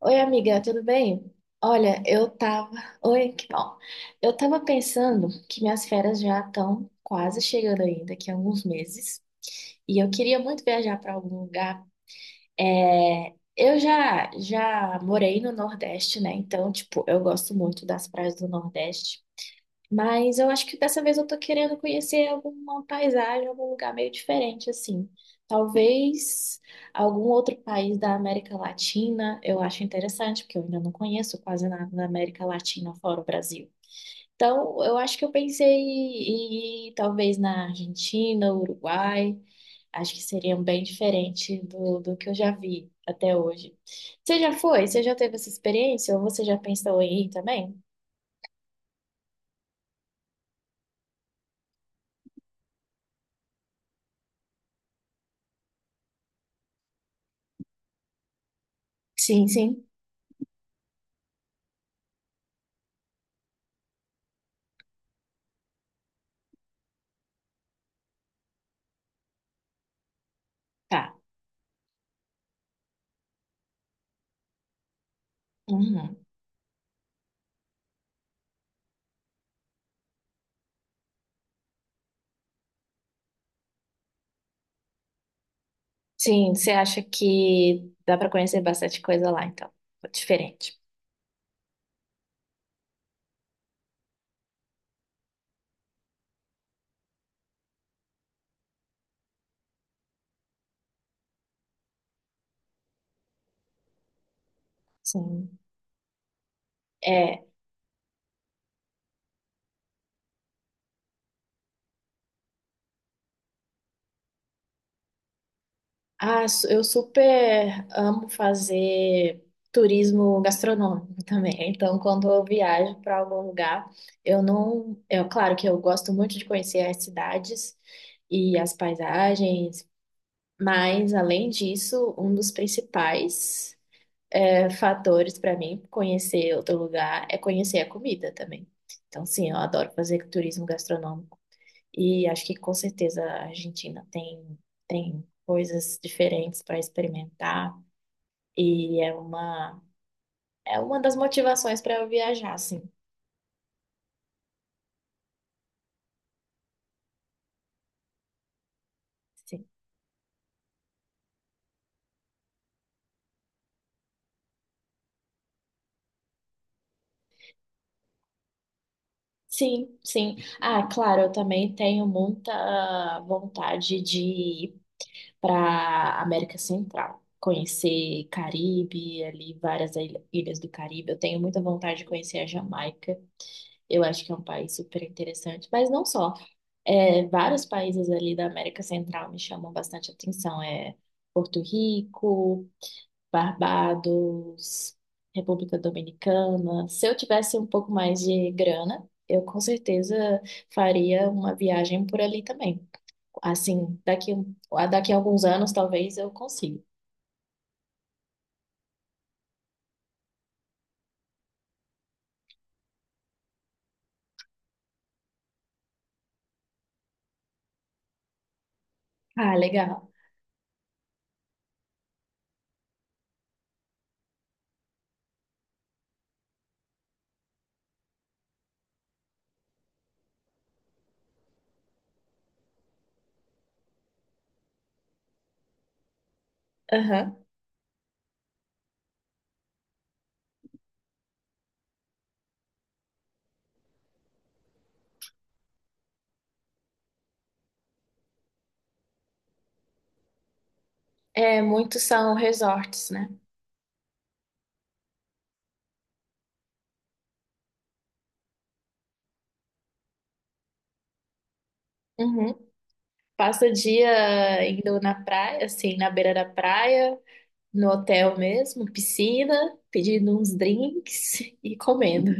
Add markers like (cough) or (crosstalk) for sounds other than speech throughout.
Oi, amiga, tudo bem? Olha, eu tava. Oi, que bom. Eu tava pensando que minhas férias já estão quase chegando ainda, daqui a alguns meses. E eu queria muito viajar para algum lugar. É, Eu já morei no Nordeste, né? Então, tipo, eu gosto muito das praias do Nordeste. Mas eu acho que dessa vez eu tô querendo conhecer alguma paisagem, algum lugar meio diferente, assim. Talvez algum outro país da América Latina, eu acho interessante, porque eu ainda não conheço quase nada da América Latina fora o Brasil. Então, eu acho que eu pensei em ir talvez na Argentina, Uruguai. Acho que seriam bem diferente do que eu já vi até hoje. Você já foi? Você já teve essa experiência? Ou você já pensou em ir também? Sim, sim. Tá. Uhum. Sim, você acha que dá para conhecer bastante coisa lá, então. Diferente. Sim. É. Ah, eu super amo fazer turismo gastronômico (laughs) também. Então, quando eu viajo para algum lugar, eu não. É claro que eu gosto muito de conhecer as cidades e as paisagens, mas além disso, um dos principais. Fatores para mim conhecer outro lugar é conhecer a comida também. Então, sim, eu adoro fazer turismo gastronômico e acho que com certeza a Argentina tem coisas diferentes para experimentar e é uma das motivações para eu viajar, sim. Sim, sim. Sim. Ah, claro, eu também tenho muita vontade de ir para América Central, conhecer Caribe, ali várias ilhas do Caribe. Eu tenho muita vontade de conhecer a Jamaica. Eu acho que é um país super interessante, mas não só. Vários países ali da América Central me chamam bastante atenção. Porto Rico, Barbados, República Dominicana. Se eu tivesse um pouco mais de grana, eu com certeza faria uma viagem por ali também. Assim, daqui a alguns anos talvez eu consiga. Ah, legal. Aham. Muitos são resorts, né? Uhum. Passa o dia indo na praia, assim, na beira da praia, no hotel mesmo, piscina, pedindo uns drinks (laughs) e comendo.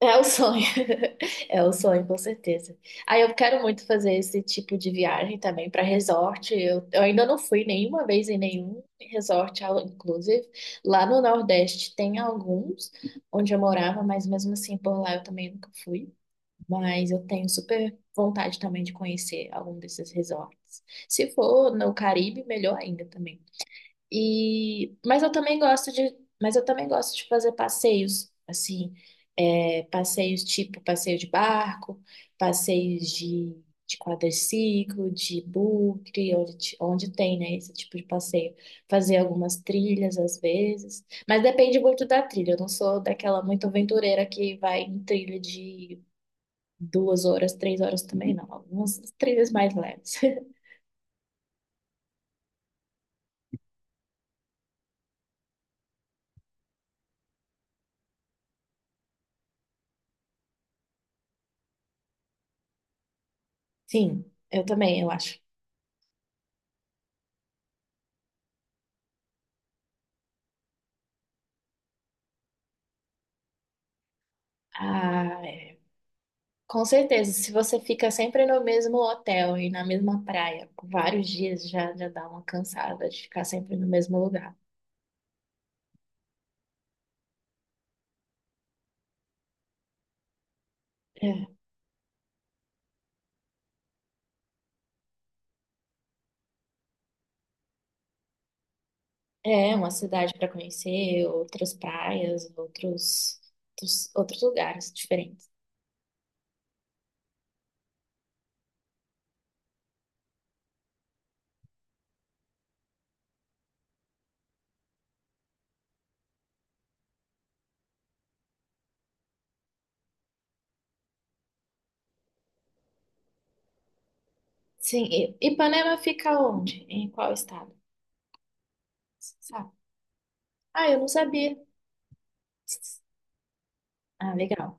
É o sonho. (laughs) É o sonho, com certeza. Aí eu quero muito fazer esse tipo de viagem também para resort. Eu ainda não fui nenhuma vez em nenhum resort, inclusive. Lá no Nordeste tem alguns onde eu morava, mas mesmo assim por lá eu também nunca fui. Mas eu tenho super vontade também de conhecer algum desses resorts. Se for no Caribe, melhor ainda também. E, mas eu também gosto de fazer passeios, assim, passeios tipo passeio de barco, passeios de quadriciclo, de bugre, onde tem, né, esse tipo de passeio. Fazer algumas trilhas às vezes, mas depende muito da trilha. Eu não sou daquela muito aventureira que vai em trilha de 2 horas, 3 horas também, não. Algumas trilhas mais leves. (laughs) Sim, eu também, eu acho. Ah, é. Com certeza, se você fica sempre no mesmo hotel e na mesma praia por vários dias, já dá uma cansada de ficar sempre no mesmo lugar. É, é uma cidade para conhecer, outras praias, outros, outros, outros, lugares diferentes. Sim, e Ipanema fica onde? Em qual estado? Sabe? Ah, eu não sabia. Ah, legal.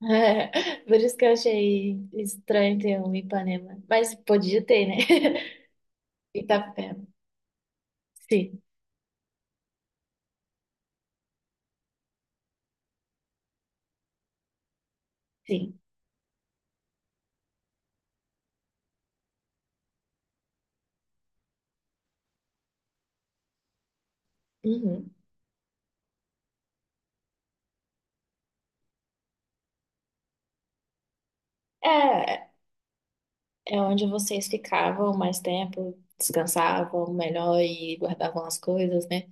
(laughs) Por isso que eu achei estranho ter um Ipanema. Mas podia ter, né? (laughs) Itapema. Sim, sim. Uhum. É, é onde vocês ficavam mais tempo, descansavam melhor e guardavam as coisas, né?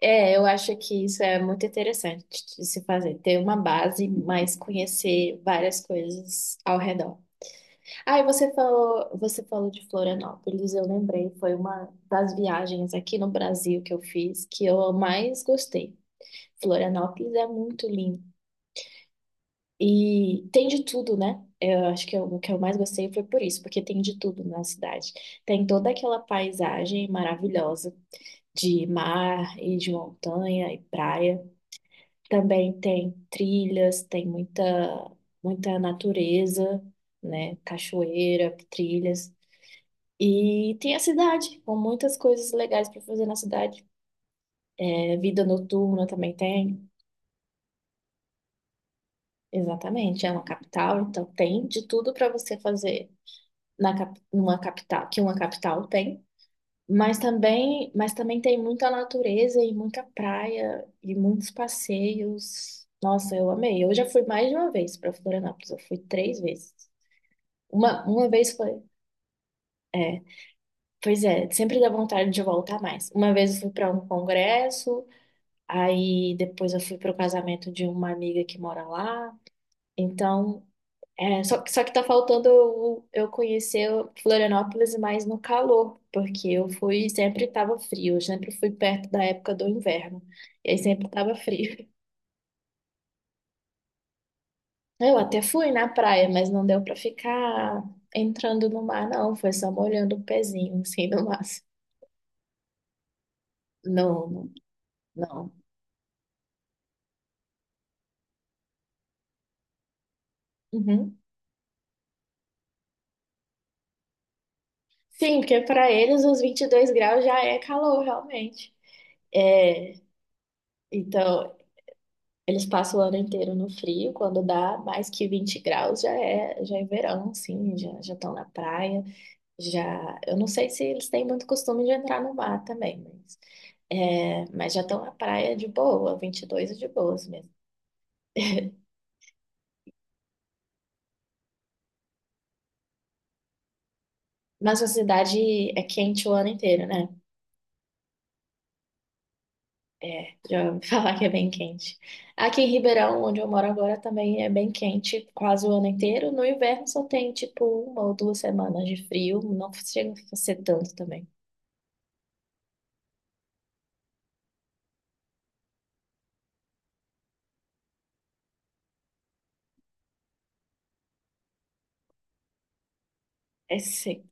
Eu acho que isso é muito interessante de se fazer, ter uma base, mas conhecer várias coisas ao redor. Ah, e você falou de Florianópolis, eu lembrei, foi uma das viagens aqui no Brasil que eu fiz que eu mais gostei. Florianópolis é muito lindo. E tem de tudo, né? Eu acho que o que eu mais gostei foi por isso, porque tem de tudo na cidade. Tem toda aquela paisagem maravilhosa de mar e de montanha e praia. Também tem trilhas, tem muita, muita natureza, né? Cachoeira, trilhas. E tem a cidade, com muitas coisas legais para fazer na cidade. Vida noturna também tem. Exatamente, é uma capital, então tem de tudo para você fazer numa capital, que uma capital tem, mas também tem muita natureza e muita praia e muitos passeios. Nossa, eu amei. Eu já fui mais de uma vez para Florianópolis, eu fui três vezes. Uma vez foi, é, pois é, sempre dá vontade de voltar mais. Uma vez eu fui para um congresso, aí depois eu fui para o casamento de uma amiga que mora lá. Então, só que tá faltando eu conhecer Florianópolis mais no calor, porque eu fui, sempre tava frio, eu sempre fui perto da época do inverno, e aí sempre tava frio. (laughs) Eu até fui na praia, mas não deu pra ficar entrando no mar, não, foi só molhando o pezinho, assim, no máximo. Não, não, não. Uhum. Sim, porque para eles os 22 graus já é calor, realmente. É, então, eles passam o ano inteiro no frio, quando dá mais que 20 graus já é verão, assim, já já estão na praia, já... Eu não sei se eles têm muito costume de entrar no mar também, mas já estão na praia de boa, 22 é de boas mesmo. Mas a cidade é quente o ano inteiro, né? Já ouvi (laughs) falar que é bem quente. Aqui em Ribeirão, onde eu moro agora, também é bem quente quase o ano inteiro. No inverno só tem, tipo, uma ou duas semanas de frio, não chega a ser tanto também. É se-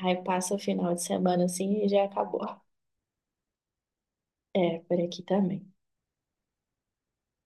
Aí passa o final de semana assim e já acabou. Por aqui também.